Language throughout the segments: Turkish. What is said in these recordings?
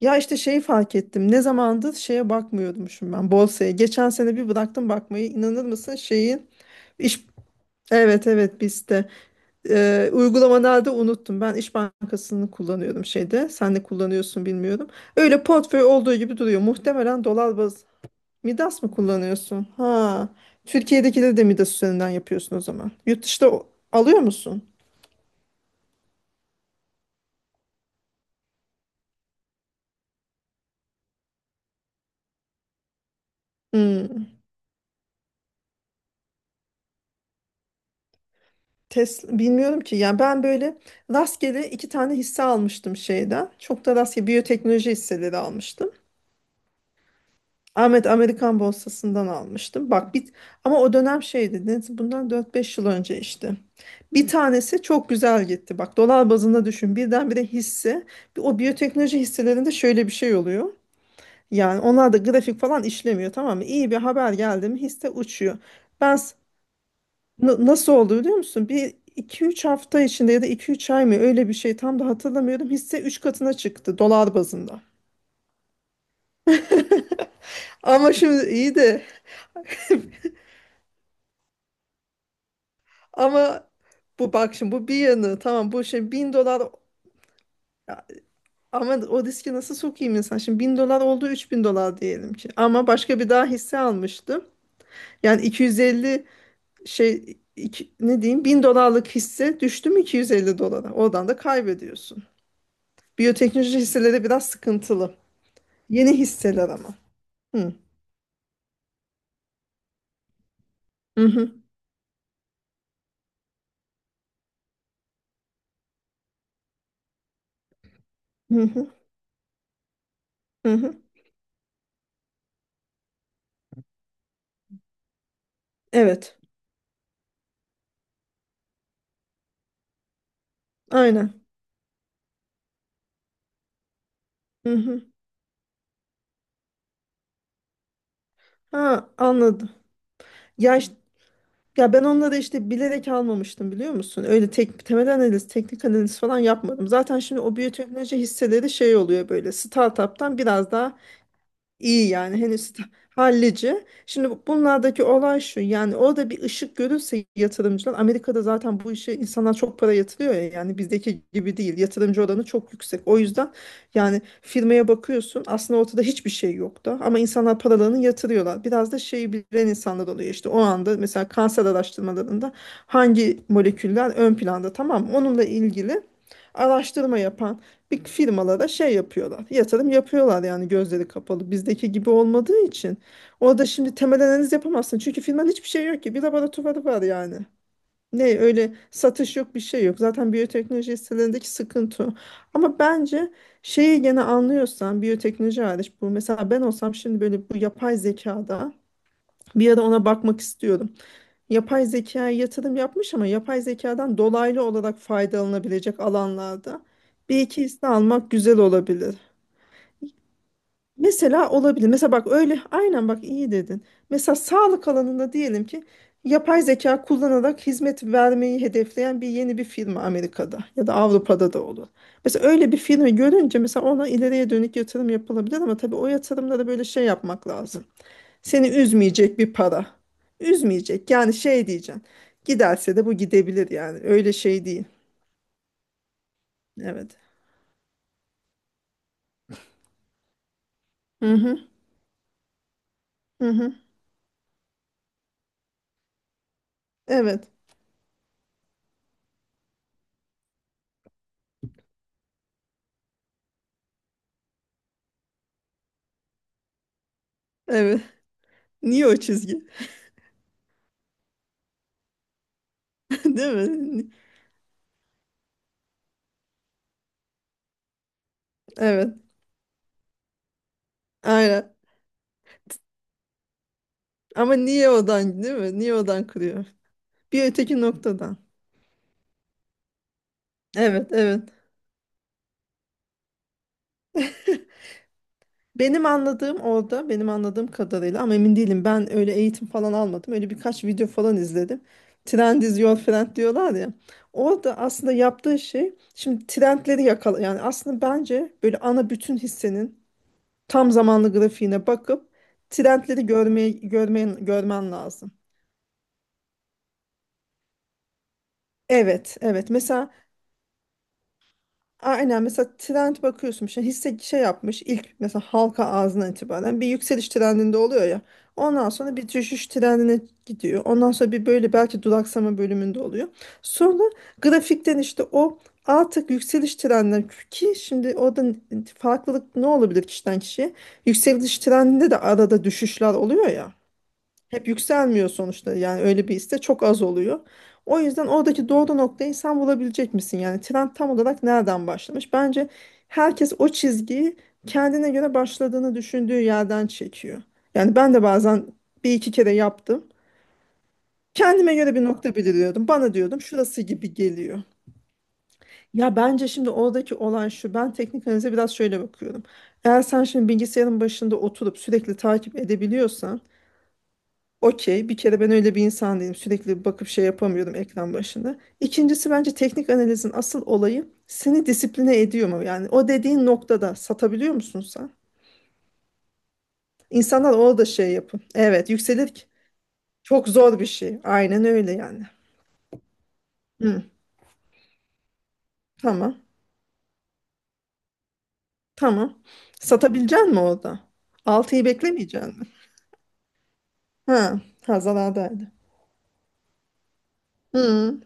Ya işte şeyi fark ettim. Ne zamandır şeye bakmıyormuşum ben borsaya. Geçen sene bir bıraktım bakmayı. İnanır mısın şeyin. iş Evet, evet, biz de. Uygulamalarda unuttum. Ben İş Bankası'nı kullanıyordum şeyde. Sen ne kullanıyorsun bilmiyorum. Öyle portföy olduğu gibi duruyor. Muhtemelen dolar baz. Midas mı kullanıyorsun? Ha. Türkiye'dekileri de Midas üzerinden yapıyorsun o zaman. Yurt dışında alıyor musun? Hmm. Tesla bilmiyorum ki, yani ben böyle rastgele iki tane hisse almıştım şeyden. Çok da rastgele biyoteknoloji hisseleri almıştım. Ahmet Amerikan borsasından almıştım. Bak ama o dönem şeydi. Bundan dört beş yıl önce işte. Bir tanesi çok güzel gitti. Bak dolar bazında düşün. Birdenbire hisse. O biyoteknoloji hisselerinde şöyle bir şey oluyor. Yani onlar da grafik falan işlemiyor, tamam mı? İyi bir haber geldi mi hisse uçuyor. Ben nasıl oldu biliyor musun? Bir iki üç hafta içinde ya da iki üç ay mı, öyle bir şey tam da hatırlamıyorum. Hisse 3 katına çıktı dolar bazında. Ama şimdi iyi de ama bu bak şimdi bu bir yanı tamam bu şey 1000 dolar, ya, ama o riski nasıl sokayım insan? Şimdi 1000 dolar oldu 3000 dolar diyelim ki. Ama başka bir daha hisse almıştım. Yani 250 ne diyeyim 1000 dolarlık hisse düştü mü 250 dolara. Oradan da kaybediyorsun. Biyoteknoloji hisseleri biraz sıkıntılı. Yeni hisseler ama. Hı. Hı hı. Hı hı. Hı hı. Evet. Aynen. Hı hı. Ha, anladım. Ya iş- ya ben onları işte bilerek almamıştım, biliyor musun? Öyle tek temel analiz, teknik analiz falan yapmadım. Zaten şimdi o biyoteknoloji hisseleri şey oluyor böyle startup'tan biraz daha İyi yani henüz hallici. Şimdi bunlardaki olay şu, yani orada bir ışık görürse yatırımcılar Amerika'da zaten bu işe insanlar çok para yatırıyor ya, yani bizdeki gibi değil, yatırımcı oranı çok yüksek. O yüzden yani firmaya bakıyorsun aslında ortada hiçbir şey yoktu ama insanlar paralarını yatırıyorlar. Biraz da şeyi bilen insanlar oluyor işte, o anda mesela kanser araştırmalarında hangi moleküller ön planda, tamam mı? Onunla ilgili araştırma yapan bir firmalara şey yapıyorlar. Yatırım yapıyorlar yani gözleri kapalı. Bizdeki gibi olmadığı için. Orada şimdi temel analiz yapamazsın. Çünkü firmanın hiçbir şey yok ki. Bir laboratuvarı var yani. Ne öyle satış yok bir şey yok. Zaten biyoteknoloji hisselerindeki sıkıntı o. Ama bence şeyi gene anlıyorsan biyoteknoloji hariç bu. Mesela ben olsam şimdi böyle bu yapay zekada bir ara ona bakmak istiyorum, yapay zekaya yatırım yapmış ama yapay zekadan dolaylı olarak faydalanabilecek alanlarda bir iki hisse almak güzel olabilir. Mesela olabilir. Mesela bak öyle, aynen bak iyi dedin. Mesela sağlık alanında diyelim ki yapay zeka kullanarak hizmet vermeyi hedefleyen bir yeni bir firma Amerika'da ya da Avrupa'da da olur. Mesela öyle bir firma görünce mesela ona ileriye dönük yatırım yapılabilir ama tabii o yatırımda da böyle şey yapmak lazım. Seni üzmeyecek bir para. Üzmeyecek. Yani şey diyeceksin. Giderse de bu gidebilir yani. Öyle şey değil. Evet. Hı hı. Hı hı. Evet. Evet. Niye o çizgi? Değil mi? Evet. Aynen. Ama niye odan değil mi? Niye odan kırıyor? Bir öteki noktadan. Evet, evet. Benim anladığım orada, benim anladığım kadarıyla ama emin değilim, ben öyle eğitim falan almadım. Öyle birkaç video falan izledim. Trend is your friend diyorlar ya. Orada aslında yaptığı şey şimdi trendleri yakala, yani aslında bence böyle ana bütün hissenin tam zamanlı grafiğine bakıp trendleri görmeye görmen görmen lazım. Evet, evet. Mesela aynen mesela trend bakıyorsun işte hisse şey yapmış ilk mesela halka ağzına itibaren bir yükseliş trendinde oluyor ya, ondan sonra bir düşüş trendine gidiyor, ondan sonra bir böyle belki duraksama bölümünde oluyor, sonra grafikten işte o artık yükseliş trendine, ki şimdi orada farklılık ne olabilir kişiden kişiye, yükseliş trendinde de arada düşüşler oluyor ya, hep yükselmiyor sonuçta yani öyle bir iste çok az oluyor. O yüzden oradaki doğru noktayı sen bulabilecek misin? Yani trend tam olarak nereden başlamış? Bence herkes o çizgiyi kendine göre başladığını düşündüğü yerden çekiyor. Yani ben de bazen bir iki kere yaptım. Kendime göre bir nokta belirliyordum. Bana diyordum şurası gibi geliyor. Ya bence şimdi oradaki olan şu. Ben teknik analize biraz şöyle bakıyorum. Eğer sen şimdi bilgisayarın başında oturup sürekli takip edebiliyorsan okey, bir kere ben öyle bir insan değilim. Sürekli bakıp şey yapamıyorum ekran başında. İkincisi, bence teknik analizin asıl olayı seni disipline ediyor mu? Yani o dediğin noktada satabiliyor musun sen? İnsanlar orada şey yapın. Evet, yükselir ki. Çok zor bir şey. Aynen öyle yani. Hı, tamam. Tamam. Satabilecek misin orada? Altıyı beklemeyecek misin? Ha, ha zarardaydı. Hı,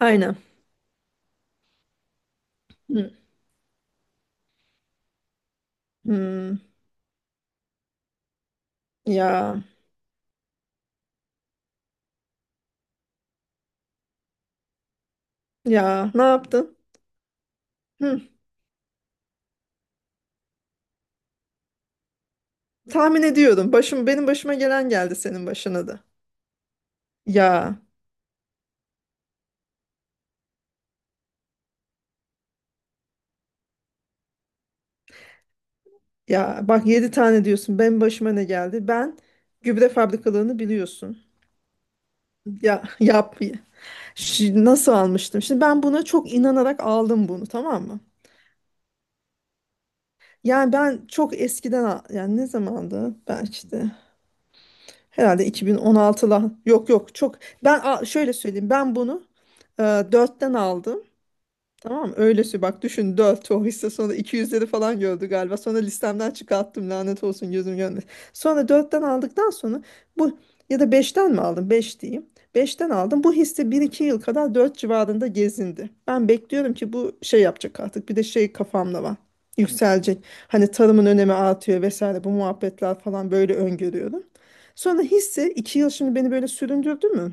aynen. Hı, hı. Ya, ya ne yaptın? Hı. Tahmin ediyorum. Başım benim başıma gelen geldi senin başına da. Ya ya bak 7 tane diyorsun. Benim başıma ne geldi? Ben gübre fabrikalarını biliyorsun. Ya yap. Nasıl almıştım? Şimdi ben buna çok inanarak aldım bunu, tamam mı? Yani ben çok eskiden yani ne zamandı? Belki de herhalde 2016'la. Yok yok çok. Ben şöyle söyleyeyim. Ben bunu e, 4'ten aldım. Tamam, öylesi bak düşün dört o hisse sonra iki yüzleri falan gördü galiba. Sonra listemden çıkarttım, lanet olsun, gözüm görmedi. Sonra dörtten aldıktan sonra bu, ya da beşten mi aldım, 5 diyeyim. Beşten aldım bu hisse bir iki yıl kadar 4 civarında gezindi. Ben bekliyorum ki bu şey yapacak artık, bir de şey kafamda var, yükselecek. Hani tarımın önemi artıyor vesaire bu muhabbetler falan böyle öngörüyorum. Sonra hisse 2 yıl şimdi beni böyle süründürdü mü?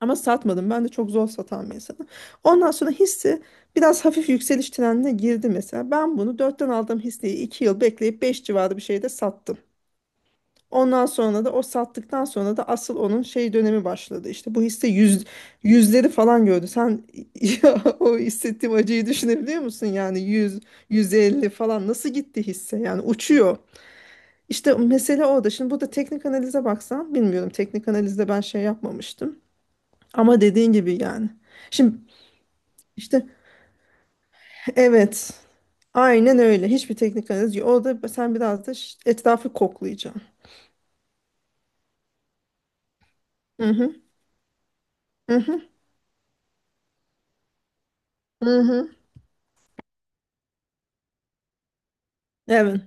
Ama satmadım. Ben de çok zor satan bir insanım. Ondan sonra hisse biraz hafif yükseliş trendine girdi mesela. Ben bunu dörtten aldığım hisseyi 2 yıl bekleyip 5 civarı bir şeyde sattım. Ondan sonra da o sattıktan sonra da asıl onun şey dönemi başladı. İşte bu hisse yüz, yüzleri falan gördü. Sen ya, o hissettiğim acıyı düşünebiliyor musun? Yani 100 150 falan nasıl gitti hisse? Yani uçuyor. İşte mesele orada. Şimdi burada teknik analize baksan bilmiyorum. Teknik analizde ben şey yapmamıştım. Ama dediğin gibi yani. Şimdi işte evet. Aynen öyle. Hiçbir teknik analiz yok. O da sen biraz da etrafı koklayacaksın. Hı hı. Hı hı. Hı hı. Evet.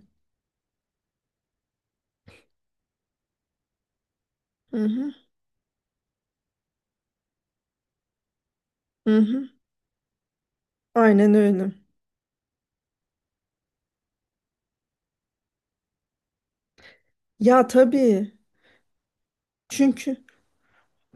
Hı hı. Hı hı. Aynen öyle. Ya tabii. Çünkü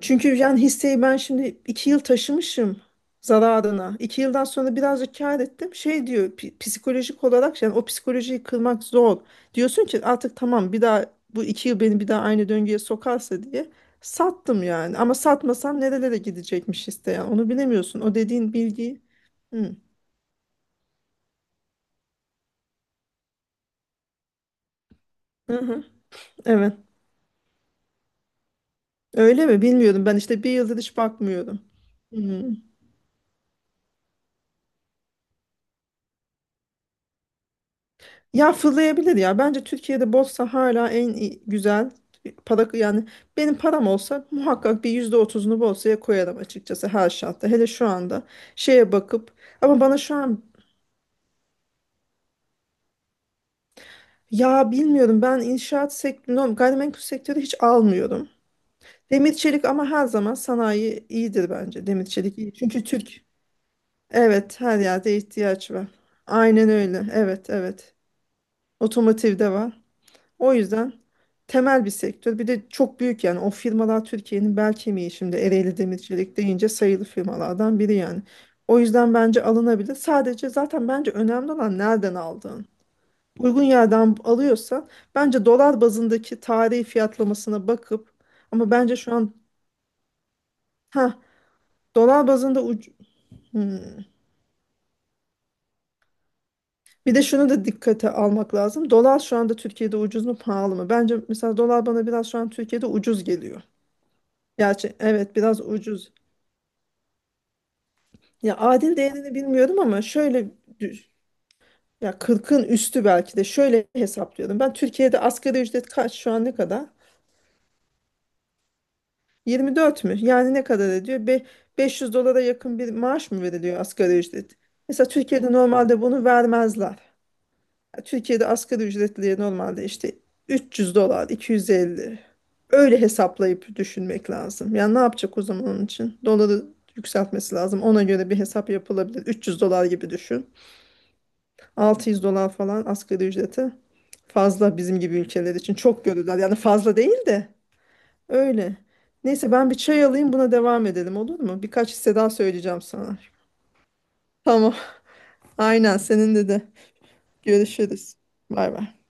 Çünkü yani hisseyi ben şimdi 2 yıl taşımışım zararına. 2 yıldan sonra birazcık kâr ettim. Şey diyor psikolojik olarak, yani o psikolojiyi kırmak zor. Diyorsun ki artık tamam, bir daha bu 2 yıl beni bir daha aynı döngüye sokarsa diye sattım yani. Ama satmasam nerelere gidecekmiş hisse yani, onu bilemiyorsun. O dediğin bilgiyi. Hı. Hı hı. Evet. Öyle mi? Bilmiyorum. Ben işte 1 yıldır hiç bakmıyorum. Hı. Ya fırlayabilir ya. Bence Türkiye'de borsa hala en güzel para, yani benim param olsa muhakkak bir %30'unu borsaya koyarım açıkçası her şartta. Hele şu anda şeye bakıp ama bana şu an, ya bilmiyorum, ben inşaat sektörü, gayrimenkul sektörü hiç almıyorum. Demir çelik ama, her zaman sanayi iyidir bence. Demir çelik iyi. Çünkü Türk, evet, her yerde ihtiyaç var. Aynen öyle. Evet, evet. Otomotivde var. O yüzden temel bir sektör. Bir de çok büyük, yani o firmalar Türkiye'nin bel kemiği, şimdi Ereğli Demircilik deyince sayılı firmalardan biri yani. O yüzden bence alınabilir. Sadece zaten bence önemli olan nereden aldığın. Uygun yerden alıyorsan bence dolar bazındaki tarihi fiyatlamasına bakıp ama bence şu an, ha, dolar bazında Hmm. Bir de şunu da dikkate almak lazım. Dolar şu anda Türkiye'de ucuz mu pahalı mı? Bence mesela dolar bana biraz şu an Türkiye'de ucuz geliyor. Gerçi evet biraz ucuz, ya adil değerini bilmiyorum ama şöyle dü- ya 40'ın üstü belki de şöyle hesaplıyordum. Ben Türkiye'de asgari ücret kaç şu an, ne kadar? 24 mü? Yani ne kadar ediyor? 500 dolara yakın bir maaş mı veriliyor asgari ücret? Mesela Türkiye'de normalde bunu vermezler. Ya Türkiye'de asgari ücretliye normalde işte 300 dolar, 250. Öyle hesaplayıp düşünmek lazım. Yani ne yapacak o zaman onun için? Doları yükseltmesi lazım. Ona göre bir hesap yapılabilir. 300 dolar gibi düşün. 600 dolar falan asgari ücreti. Fazla bizim gibi ülkeler için. Çok görürler. Yani fazla değil de, öyle. Neyse ben bir çay alayım, buna devam edelim, olur mu? Birkaç hisse daha söyleyeceğim sana. Tamam. Aynen seninle de. Görüşürüz. Bay bay.